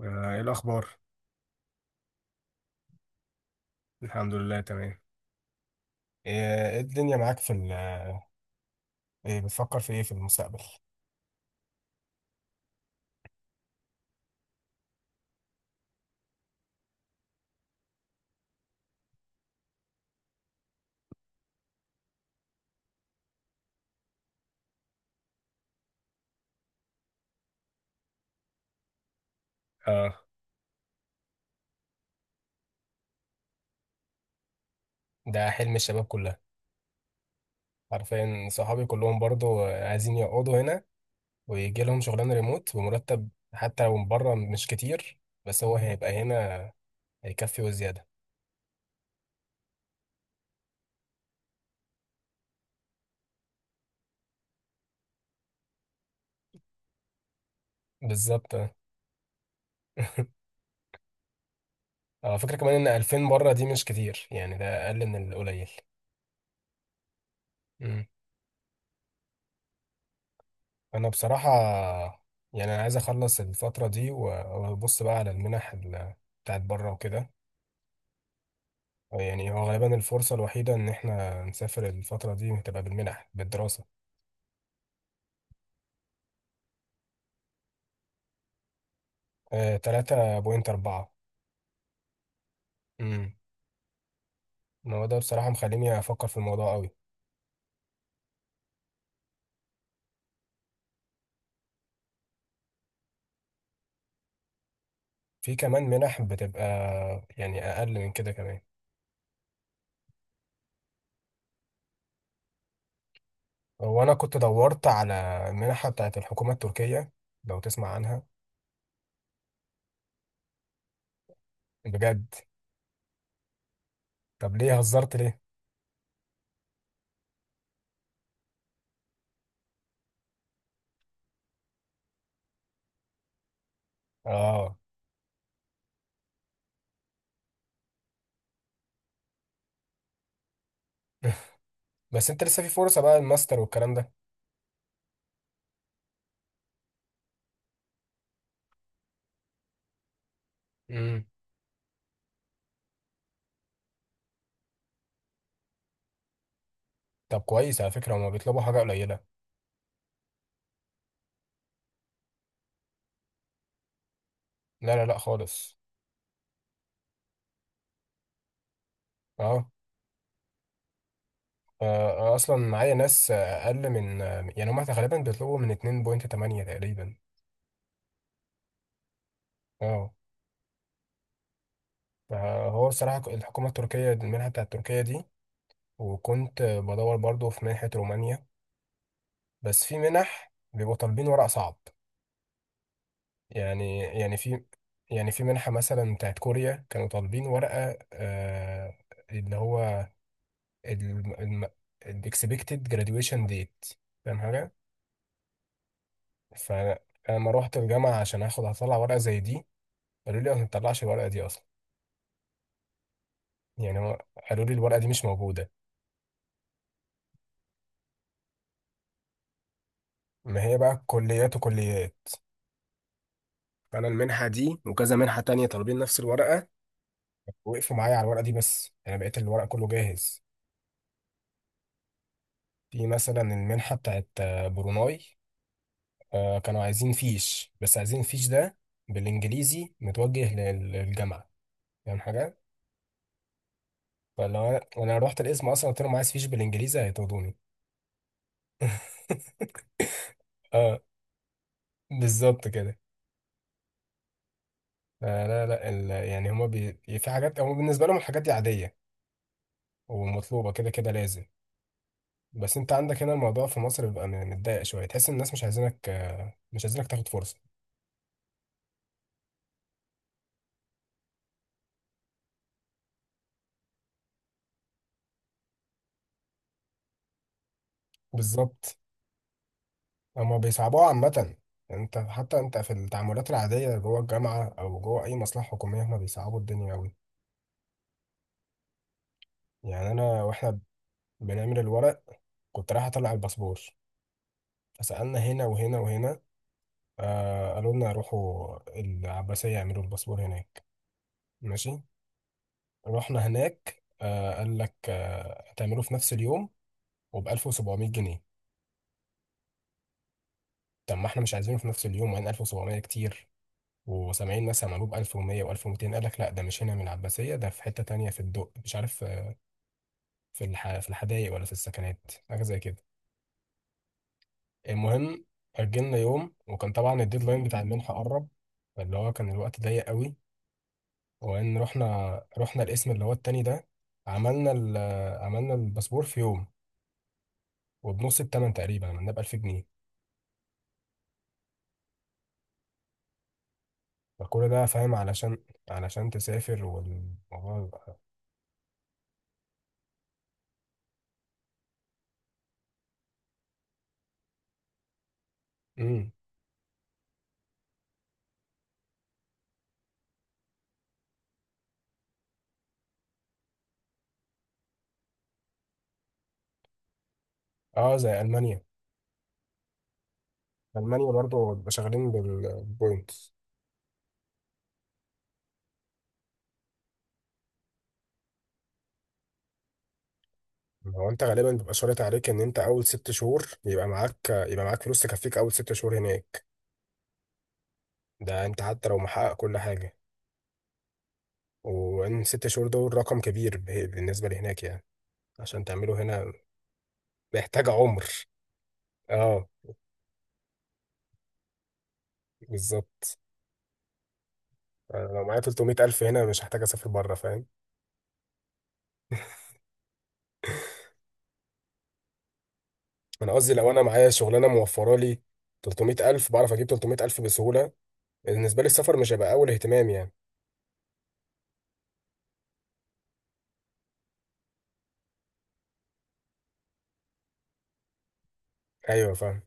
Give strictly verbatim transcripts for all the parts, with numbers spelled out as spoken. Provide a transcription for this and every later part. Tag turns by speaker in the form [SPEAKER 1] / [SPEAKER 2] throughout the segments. [SPEAKER 1] آه، ايه الاخبار؟ الحمد لله تمام. ايه إيه الدنيا معاك في ال ايه بتفكر في ايه في المستقبل؟ اه. ده حلم الشباب كلها، حرفيا صحابي كلهم برضو عايزين يقعدوا هنا ويجي لهم شغلانه ريموت بمرتب، حتى لو من بره مش كتير، بس هو هيبقى هنا، هيكفي وزياده. بالظبط اه. على فكره كمان ان ألفين بره دي مش كتير، يعني ده اقل من القليل. انا بصراحه يعني انا عايز اخلص الفتره دي و- وابص بقى على المنح ال- بتاعت بره وكده. يعني هو غالبا الفرصه الوحيده ان احنا نسافر، الفتره دي هتبقى بالمنح، بالدراسه. آه، ثلاثة فاصلة أربعة. امم. ما هو ده بصراحه مخليني افكر في الموضوع قوي. في كمان منح بتبقى يعني اقل من كده كمان. وانا كنت دورت على المنحه بتاعت الحكومه التركيه، لو تسمع عنها. بجد؟ طب ليه هزرت، ليه؟ اه. بس انت لسه في فرصه بقى، الماستر والكلام ده. امم. طب كويس، على فكرة هما بيطلبوا حاجة قليلة. لا لا لا خالص. اه. آه، آه، اصلا معايا ناس اقل من، يعني هما غالبا بيطلبوا من اتنين فاصلة تمانية تقريبا. اه. فهو الصراحة، الحكومة التركية، المنحة بتاعت تركيا دي، وكنت بدور برضو في منحة رومانيا، بس في منح بيبقوا طالبين ورق صعب. يعني يعني في، يعني في منحة مثلا بتاعت كوريا كانوا طالبين ورقة آه اللي هو الاكسبكتد جراديويشن ديت. فاهم حاجة؟ فانا أنا لما روحت الجامعه عشان اخد هطلع ورقه زي دي، قالوا لي ما بنطلعش الورقه دي اصلا. يعني هو قالوا لي الورقه دي مش موجوده. ما هي بقى كليات وكليات. فانا المنحه دي وكذا منحه تانية طالبين نفس الورقه، وقفوا معايا على الورقه دي، بس انا بقيت الورق كله جاهز. في مثلا المنحه بتاعت آه، بروناي، آه، كانوا عايزين فيش، بس عايزين فيش ده بالانجليزي متوجه لل- للجامعه، يعني حاجه. فلو انا أنا رحت القسم اصلا، قلت لهم عايز فيش بالانجليزي، هيطردوني. اه بالظبط كده. آه لا لا، ال- يعني هما بي... في حاجات هما بالنسبة لهم الحاجات دي عادية ومطلوبة كده كده لازم. بس انت عندك هنا الموضوع في مصر بيبقى م- متضايق شوية، تحس ان الناس مش عايزينك آه، مش عايزينك تاخد فرصة. بالظبط. هما بيصعبوها عامة. انت حتى انت في التعاملات العادية جوه الجامعة او جوه اي مصلحة حكومية هما بيصعبوا الدنيا اوي. يعني انا واحنا بنعمل الورق، كنت رايح اطلع الباسبور، فسألنا هنا وهنا وهنا. آه قالوا لنا روحوا العباسية يعملوا الباسبور هناك. ماشي، رحنا هناك، آه قال لك آه هتعمله في نفس اليوم وب ألف وسبعمائة جنيه. طب ما احنا مش عايزينه في نفس اليوم، وبعدين ألف وسبعمائة كتير، وسامعين ناس عملوه ب ألف ومية و1200. قال لك لا، ده مش هنا من العباسية، ده في حتة تانية في الدق، مش عارف آه، في الح... في الحدائق ولا في السكنات، حاجة زي كده. المهم، أجلنا يوم، وكان طبعا الديدلاين بتاع المنحة قرب، فاللي هو كان الوقت ضيق قوي. وان رحنا، رحنا الاسم اللي هو التاني ده، عملنا ال... آه، عملنا الباسبور في يوم، وبنص التمن تقريبا عملناه ب ألف جنيه. فكل ده فاهم علشان علشان تسافر، والموضوع يبقى... امم. اه، زي المانيا، المانيا برضو بيبقى شغالين بالبوينتس. هو انت غالبا بيبقى شرط عليك ان انت اول ست شهور يبقى معاك، يبقى معاك فلوس تكفيك اول ست شهور هناك. ده انت حتى لو محقق كل حاجه. وان ست شهور دول رقم كبير به- بالنسبه لهناك يعني. عشان تعمله هنا محتاج عمر. اه بالظبط. أنا لو معايا تلتمية ألف هنا مش هحتاج اسافر بره، فاهم. انا قصدي لو انا معايا شغلانه موفره لي تلتمية ألف، بعرف اجيب ثلاثمائة ألف بسهوله. بالنسبه لي السفر مش هيبقى اول اهتمام يعني. ايوه فاهم.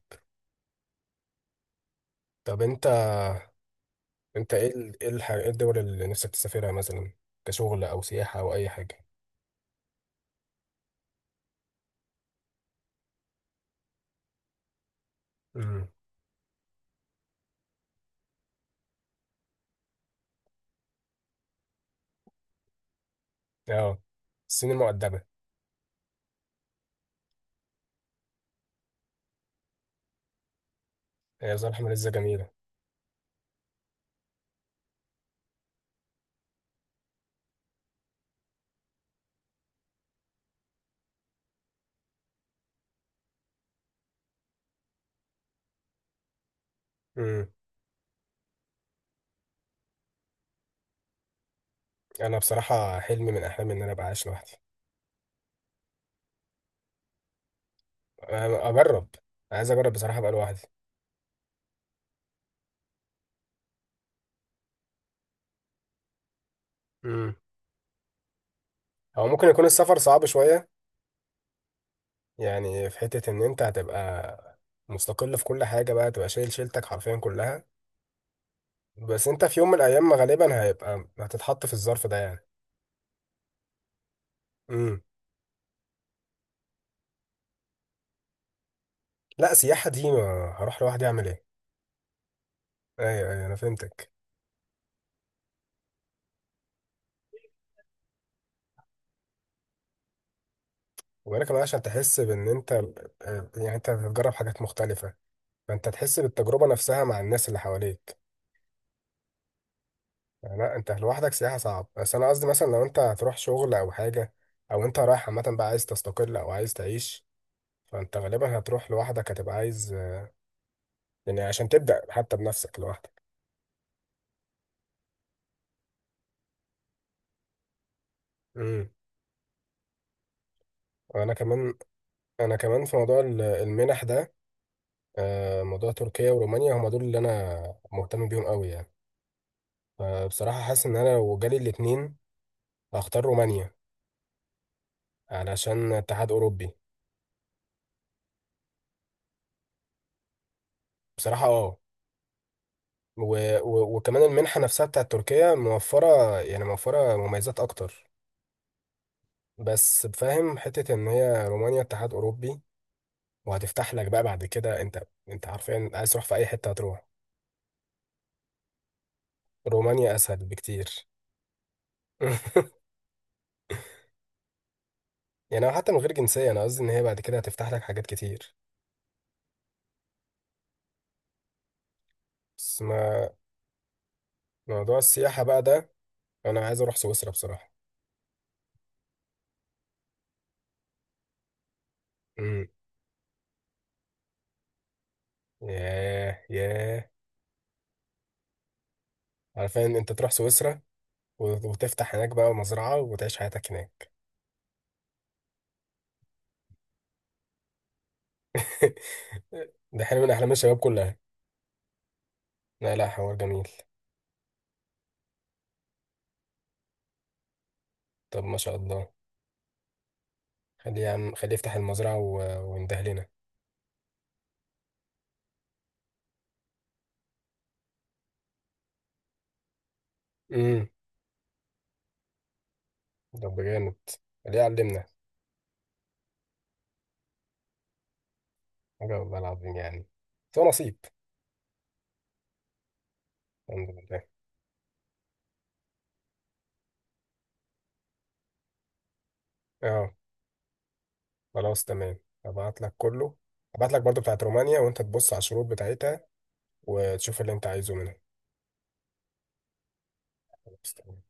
[SPEAKER 1] طب انت، انت ايه ال- ايه الح- إيه الدول اللي نفسك تسافرها مثلا، كشغل او سياحه او اي حاجه؟ امم. اه، الصين المؤدبه. هي بصراحه لسه جميله. امم. انا بصراحه حلمي من احلامي ان انا ابقى عايش لوحدي. أنا اجرب عايز اجرب بصراحه ابقى لوحدي. امم. هو ممكن يكون السفر صعب شويه، يعني في حتة ان انت هتبقى مستقل في كل حاجة بقى، تبقى شايل شيلتك حرفيا كلها. بس انت في يوم من الايام غالبا هيبقى هتتحط في الظرف ده يعني. امم. لا، سياحة دي ما هروح لوحدي اعمل ايه. ايوه ايوه انا فهمتك. وغير كمان عشان تحس بان انت، يعني انت هتجرب حاجات مختلفة، فانت تحس بالتجربة نفسها مع الناس اللي حواليك. يعني لا، انت لوحدك سياحة صعب، بس انا قصدي مثلا لو انت هتروح شغل او حاجة، او انت رايح عامة بقى عايز تستقل او عايز تعيش، فانت غالبا هتروح لوحدك، هتبقى عايز يعني عشان تبدأ حتى بنفسك لوحدك. امم. انا كمان انا كمان في موضوع ال- المنح ده، آه، موضوع تركيا ورومانيا هما دول اللي انا مهتم بيهم قوي يعني. فبصراحة حاسس ان انا لو جالي الاتنين هختار رومانيا علشان اتحاد اوروبي. بصراحة اه. و... و... وكمان المنحة نفسها بتاعت تركيا موفرة، يعني موفرة مميزات اكتر. بس فاهم حتة ان هي رومانيا اتحاد اوروبي، وهتفتح لك بقى بعد كده، انت انت عارفين عايز تروح في اي حتة هتروح، رومانيا اسهل بكتير. يعني هو حتى من غير جنسية، أنا قصدي إن هي بعد كده هتفتح لك حاجات كتير. بس ما موضوع السياحة بقى ده، أنا عايز أروح سويسرا بصراحة. امم. ياه ياه. عارفين أنت تروح سويسرا وت- وتفتح هناك بقى مزرعة وتعيش حياتك هناك. ده حلم من أحلام الشباب كلها. لا لا، حوار جميل. طب ما شاء الله، خليه يعمل خليه يفتح المزرعة و... وينده لنا. امم. طب جامد، خليه يعلمنا. حاجة والله العظيم يعني، بس هو نصيب. الحمد لله. اه. خلاص تمام. هبعت لك كله. هبعت لك برضو بتاعت رومانيا، وانت تبص على الشروط بتاعتها وتشوف اللي انت عايزه منها. خلاص تمام.